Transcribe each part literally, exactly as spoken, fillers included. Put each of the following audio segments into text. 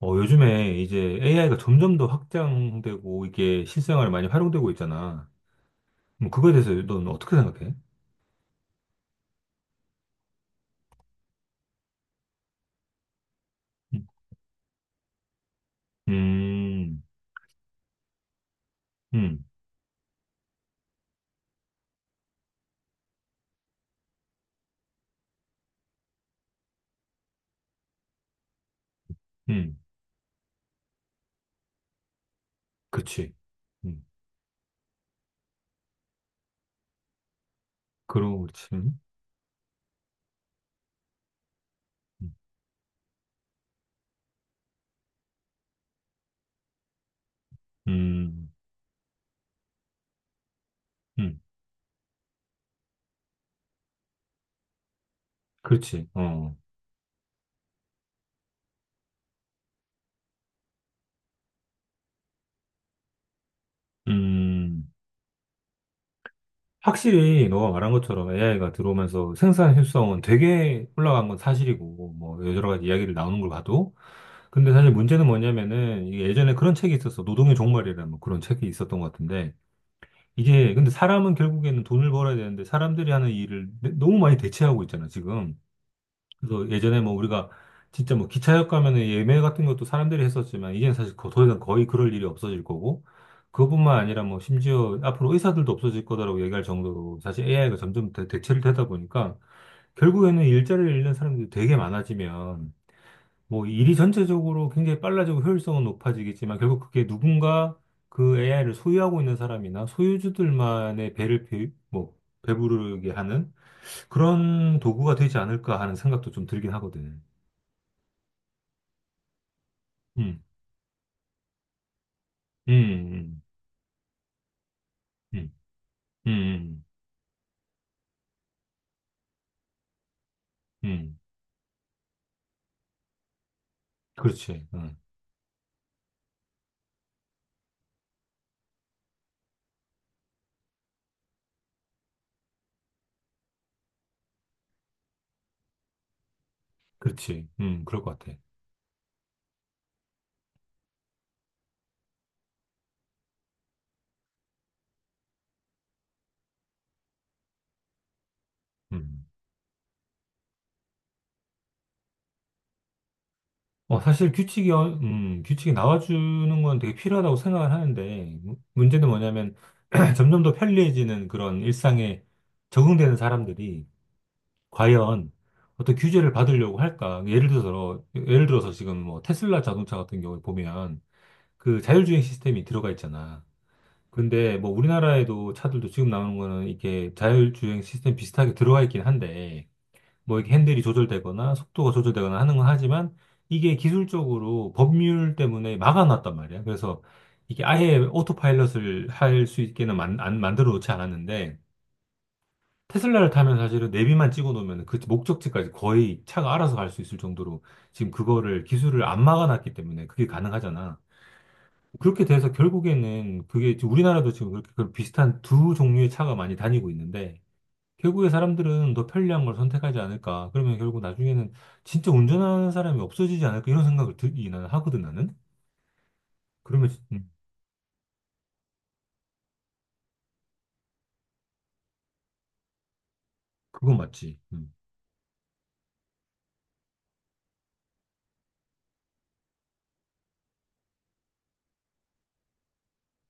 어, 요즘에 이제 에이아이가 점점 더 확장되고 이게 실생활에 많이 활용되고 있잖아. 뭐 그거에 대해서 넌 어떻게 생각해? 음. 음. 음. 음. 그렇지. 음. 그렇지. 음. 음. 음. 그렇지. 어. 음. 확실히 너가 말한 것처럼 에이아이가 들어오면서 생산 효율성은 되게 올라간 건 사실이고, 뭐 여러 가지 이야기를 나오는 걸 봐도. 근데 사실 문제는 뭐냐면은 이게 예전에 그런 책이 있었어. 노동의 종말이라는 뭐 그런 책이 있었던 것 같은데. 이게 근데 사람은 결국에는 돈을 벌어야 되는데 사람들이 하는 일을 내- 너무 많이 대체하고 있잖아, 지금. 그래서 예전에 뭐 우리가 진짜 뭐 기차역 가면은 예매 같은 것도 사람들이 했었지만 이제는 사실 거- 더 이상 거의 그럴 일이 없어질 거고 그것뿐만 아니라 뭐 심지어 앞으로 의사들도 없어질 거다라고 얘기할 정도로 사실 에이아이가 점점 대, 대체를 되다 보니까 결국에는 일자리를 잃는 사람들이 되게 많아지면 뭐 일이 전체적으로 굉장히 빨라지고 효율성은 높아지겠지만 결국 그게 누군가 그 에이아이를 소유하고 있는 사람이나 소유주들만의 배를 배, 뭐 배부르게 하는 그런 도구가 되지 않을까 하는 생각도 좀 들긴 하거든. 음. 음. 음. 음. 음. 음. 음. 그렇지. 음. 그렇지. 음. 그럴 것 같아. 음. 어, 사실 규칙이, 어- 음, 규칙이 나와주는 건 되게 필요하다고 생각을 하는데, 문- 문제는 뭐냐면, 점점 더 편리해지는 그런 일상에 적응되는 사람들이, 과연 어떤 규제를 받으려고 할까? 예를 들어서, 예를 들어서 지금 뭐 테슬라 자동차 같은 경우에 보면, 그 자율주행 시스템이 들어가 있잖아. 근데 뭐 우리나라에도 차들도 지금 나오는 거는 이렇게 자율주행 시스템 비슷하게 들어가 있긴 한데, 뭐 이렇게 핸들이 조절되거나 속도가 조절되거나 하는 건 하지만 이게 기술적으로 법률 때문에 막아놨단 말이야. 그래서 이게 아예 오토파일럿을 할 수 있게는 만, 안, 만들어 놓지 않았는데 테슬라를 타면 사실은 내비만 찍어 놓으면 그 목적지까지 거의 차가 알아서 갈 수 있을 정도로 지금 그거를 기술을 안 막아놨기 때문에 그게 가능하잖아. 그렇게 돼서 결국에는 그게 지금 우리나라도 지금 그렇게 그 비슷한 두 종류의 차가 많이 다니고 있는데 결국에 사람들은 더 편리한 걸 선택하지 않을까. 그러면 결국 나중에는 진짜 운전하는 사람이 없어지지 않을까. 이런 생각을 들이 나는 하거든, 나는. 그러면, 진- 음, 그건 맞지. 음.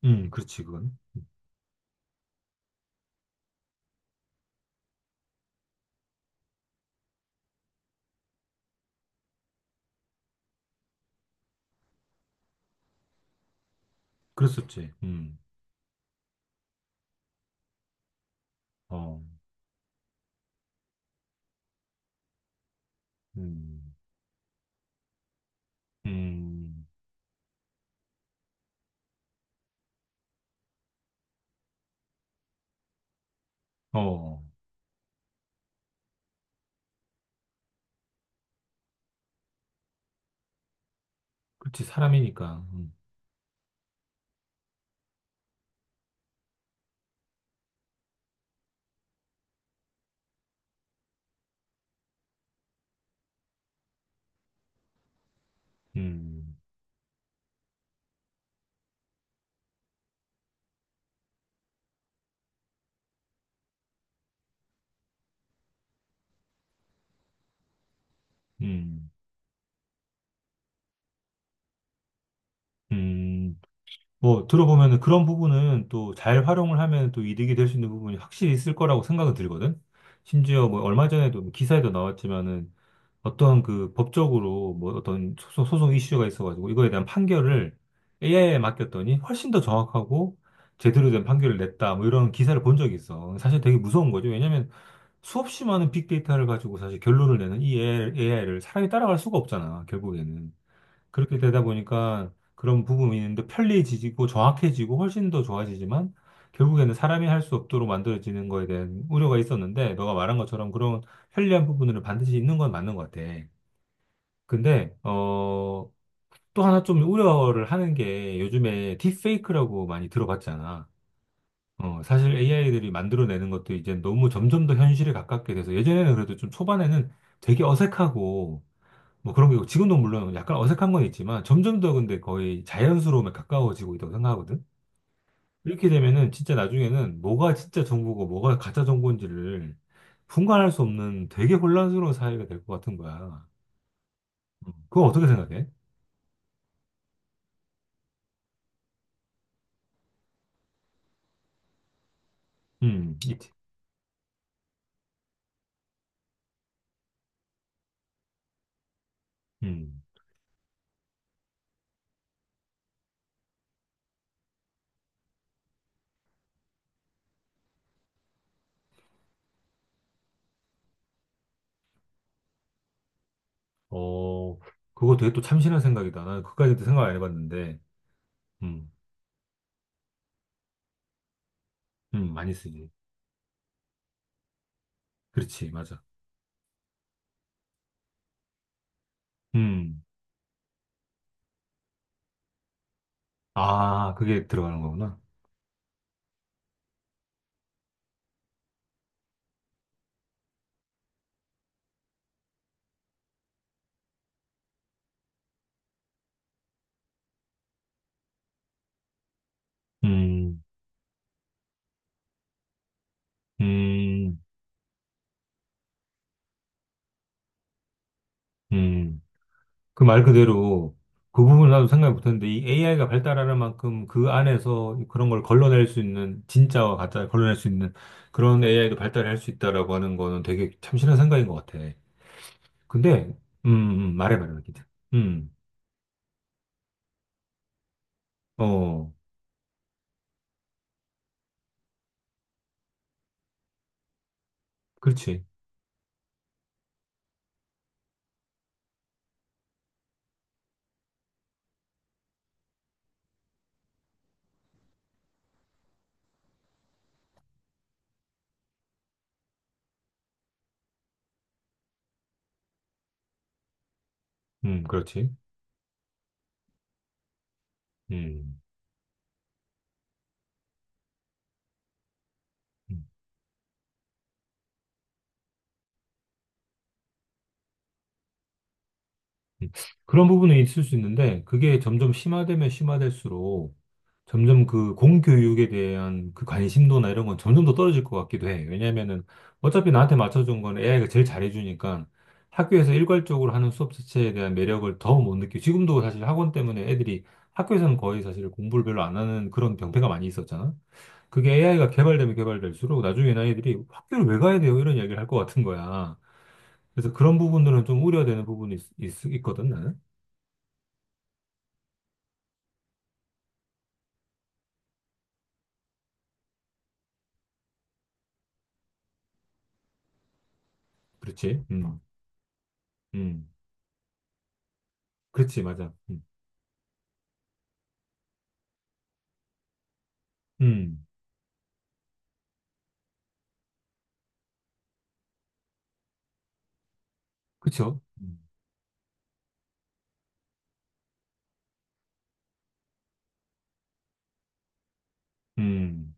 음. 그렇지, 그건. 그랬었지. 음. 어. 음. 음. 어. 그렇지. 사람이니까. 음. 음. 음. 음. 뭐, 들어보면은 그런 부분은 또 잘 활용을 하면 또 이득이 될 수 있는 부분이 확실히 있을 거라고 생각은 들거든. 심지어 뭐 얼마 전에도 뭐 기사에도 나왔지만은 어떤 그 법적으로 뭐 어떤 소송, 소송 이슈가 있어가지고 이거에 대한 판결을 에이아이에 맡겼더니 훨씬 더 정확하고 제대로 된 판결을 냈다. 뭐 이런 기사를 본 적이 있어. 사실 되게 무서운 거죠. 왜냐면 수없이 많은 빅데이터를 가지고 사실 결론을 내는 이 에이아이를 사람이 따라갈 수가 없잖아, 결국에는. 그렇게 되다 보니까 그런 부분이 있는데 편리해지고 정확해지고 훨씬 더 좋아지지만 결국에는 사람이 할 수 없도록 만들어지는 거에 대한 우려가 있었는데 너가 말한 것처럼 그런 편리한 부분을 반드시 있는 건 맞는 것 같아. 근데 어, 또 하나 좀 우려를 하는 게 요즘에 딥페이크라고 많이 들어봤잖아. 어, 사실 에이아이들이 만들어내는 것도 이제 너무 점점 더 현실에 가깝게 돼서 예전에는 그래도 좀 초반에는 되게 어색하고 뭐 그런 거 있고 지금도 물론 약간 어색한 건 있지만 점점 더 근데 거의 자연스러움에 가까워지고 있다고 생각하거든. 이렇게 되면은 진짜 나중에는 뭐가 진짜 정보고 뭐가 가짜 정보인지를 분간할 수 없는 되게 혼란스러운 사회가 될 것 같은 거야. 음, 그거 어떻게 생각해? 음, 이- 음, 어, 그거 되게 또 참신한 생각이다. 나는 그까지도 생각 안 해봤는데, 음. 음. 많이 쓰지. 그렇지, 맞아. 음. 아, 그게 들어가는 거구나. 음. 음. 음. 그 말 그대로 그 부분 나도 생각 못했는데 이 에이아이가 발달하는 만큼 그 안에서 그런 걸 걸러낼 수 있는 진짜와 가짜를 걸러낼 수 있는 그런 에이아이도 발달할 수 있다라고 하는 거는 되게 참신한 생각인 것 같아. 근데 음, 음, 말해 말해 말해. 음. 어. 그렇지. 음. 그렇지. 음. 음. 음, 그런 부분은 있을 수 있는데 그게 점점 심화되면 심화될수록 점점 그 공교육에 대한 그 관심도나 이런 건 점점 더 떨어질 것 같기도 해. 왜냐면은 어차피 나한테 맞춰준 건 에이아이가 제일 잘해주니까 학교에서 일괄적으로 하는 수업 자체에 대한 매력을 더 못 느끼고 지금도 사실 학원 때문에 애들이 학교에서는 거의 사실 공부를 별로 안 하는 그런 병폐가 많이 있었잖아. 그게 에이아이가 개발되면 개발될수록 나중에는 애들이 학교를 왜 가야 돼요? 이런 얘기를 할 것 같은 거야. 그래서 그런 부분들은 좀 우려되는 부분이 있, 있, 있거든, 나는. 그렇지. 음. 음. 그렇지, 맞아. 음. 음. 그쵸. 음. 음.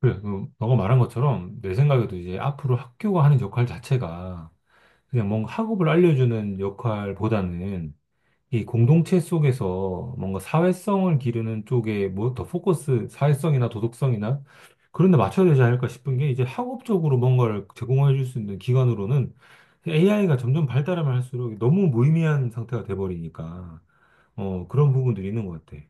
그래, 그, 너가 말한 것처럼 내 생각에도 이제 앞으로 학교가 하는 역할 자체가 그냥 뭔가 학업을 알려주는 역할보다는 이 공동체 속에서 뭔가 사회성을 기르는 쪽에 뭐 더 포커스, 사회성이나 도덕성이나 그런 데 맞춰야 되지 않을까 싶은 게 이제 학업적으로 뭔가를 제공해 줄 수 있는 기관으로는 에이아이가 점점 발달하면 할수록 너무 무의미한 상태가 돼버리니까. 어, 그런 부분들이 있는 것 같아.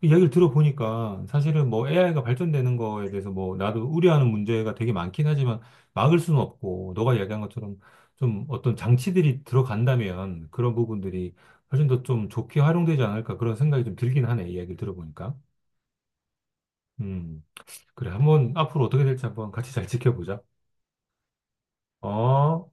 그 이야기를 들어보니까 사실은 뭐 에이아이가 발전되는 거에 대해서 뭐 나도 우려하는 문제가 되게 많긴 하지만 막을 수는 없고 너가 이야기한 것처럼 좀 어떤 장치들이 들어간다면 그런 부분들이 훨씬 더 좀 좋게 활용되지 않을까 그런 생각이 좀 들긴 하네. 이야기를 들어보니까. 음, 그래. 한번 앞으로 어떻게 될지 한번 같이 잘 지켜보자. 어?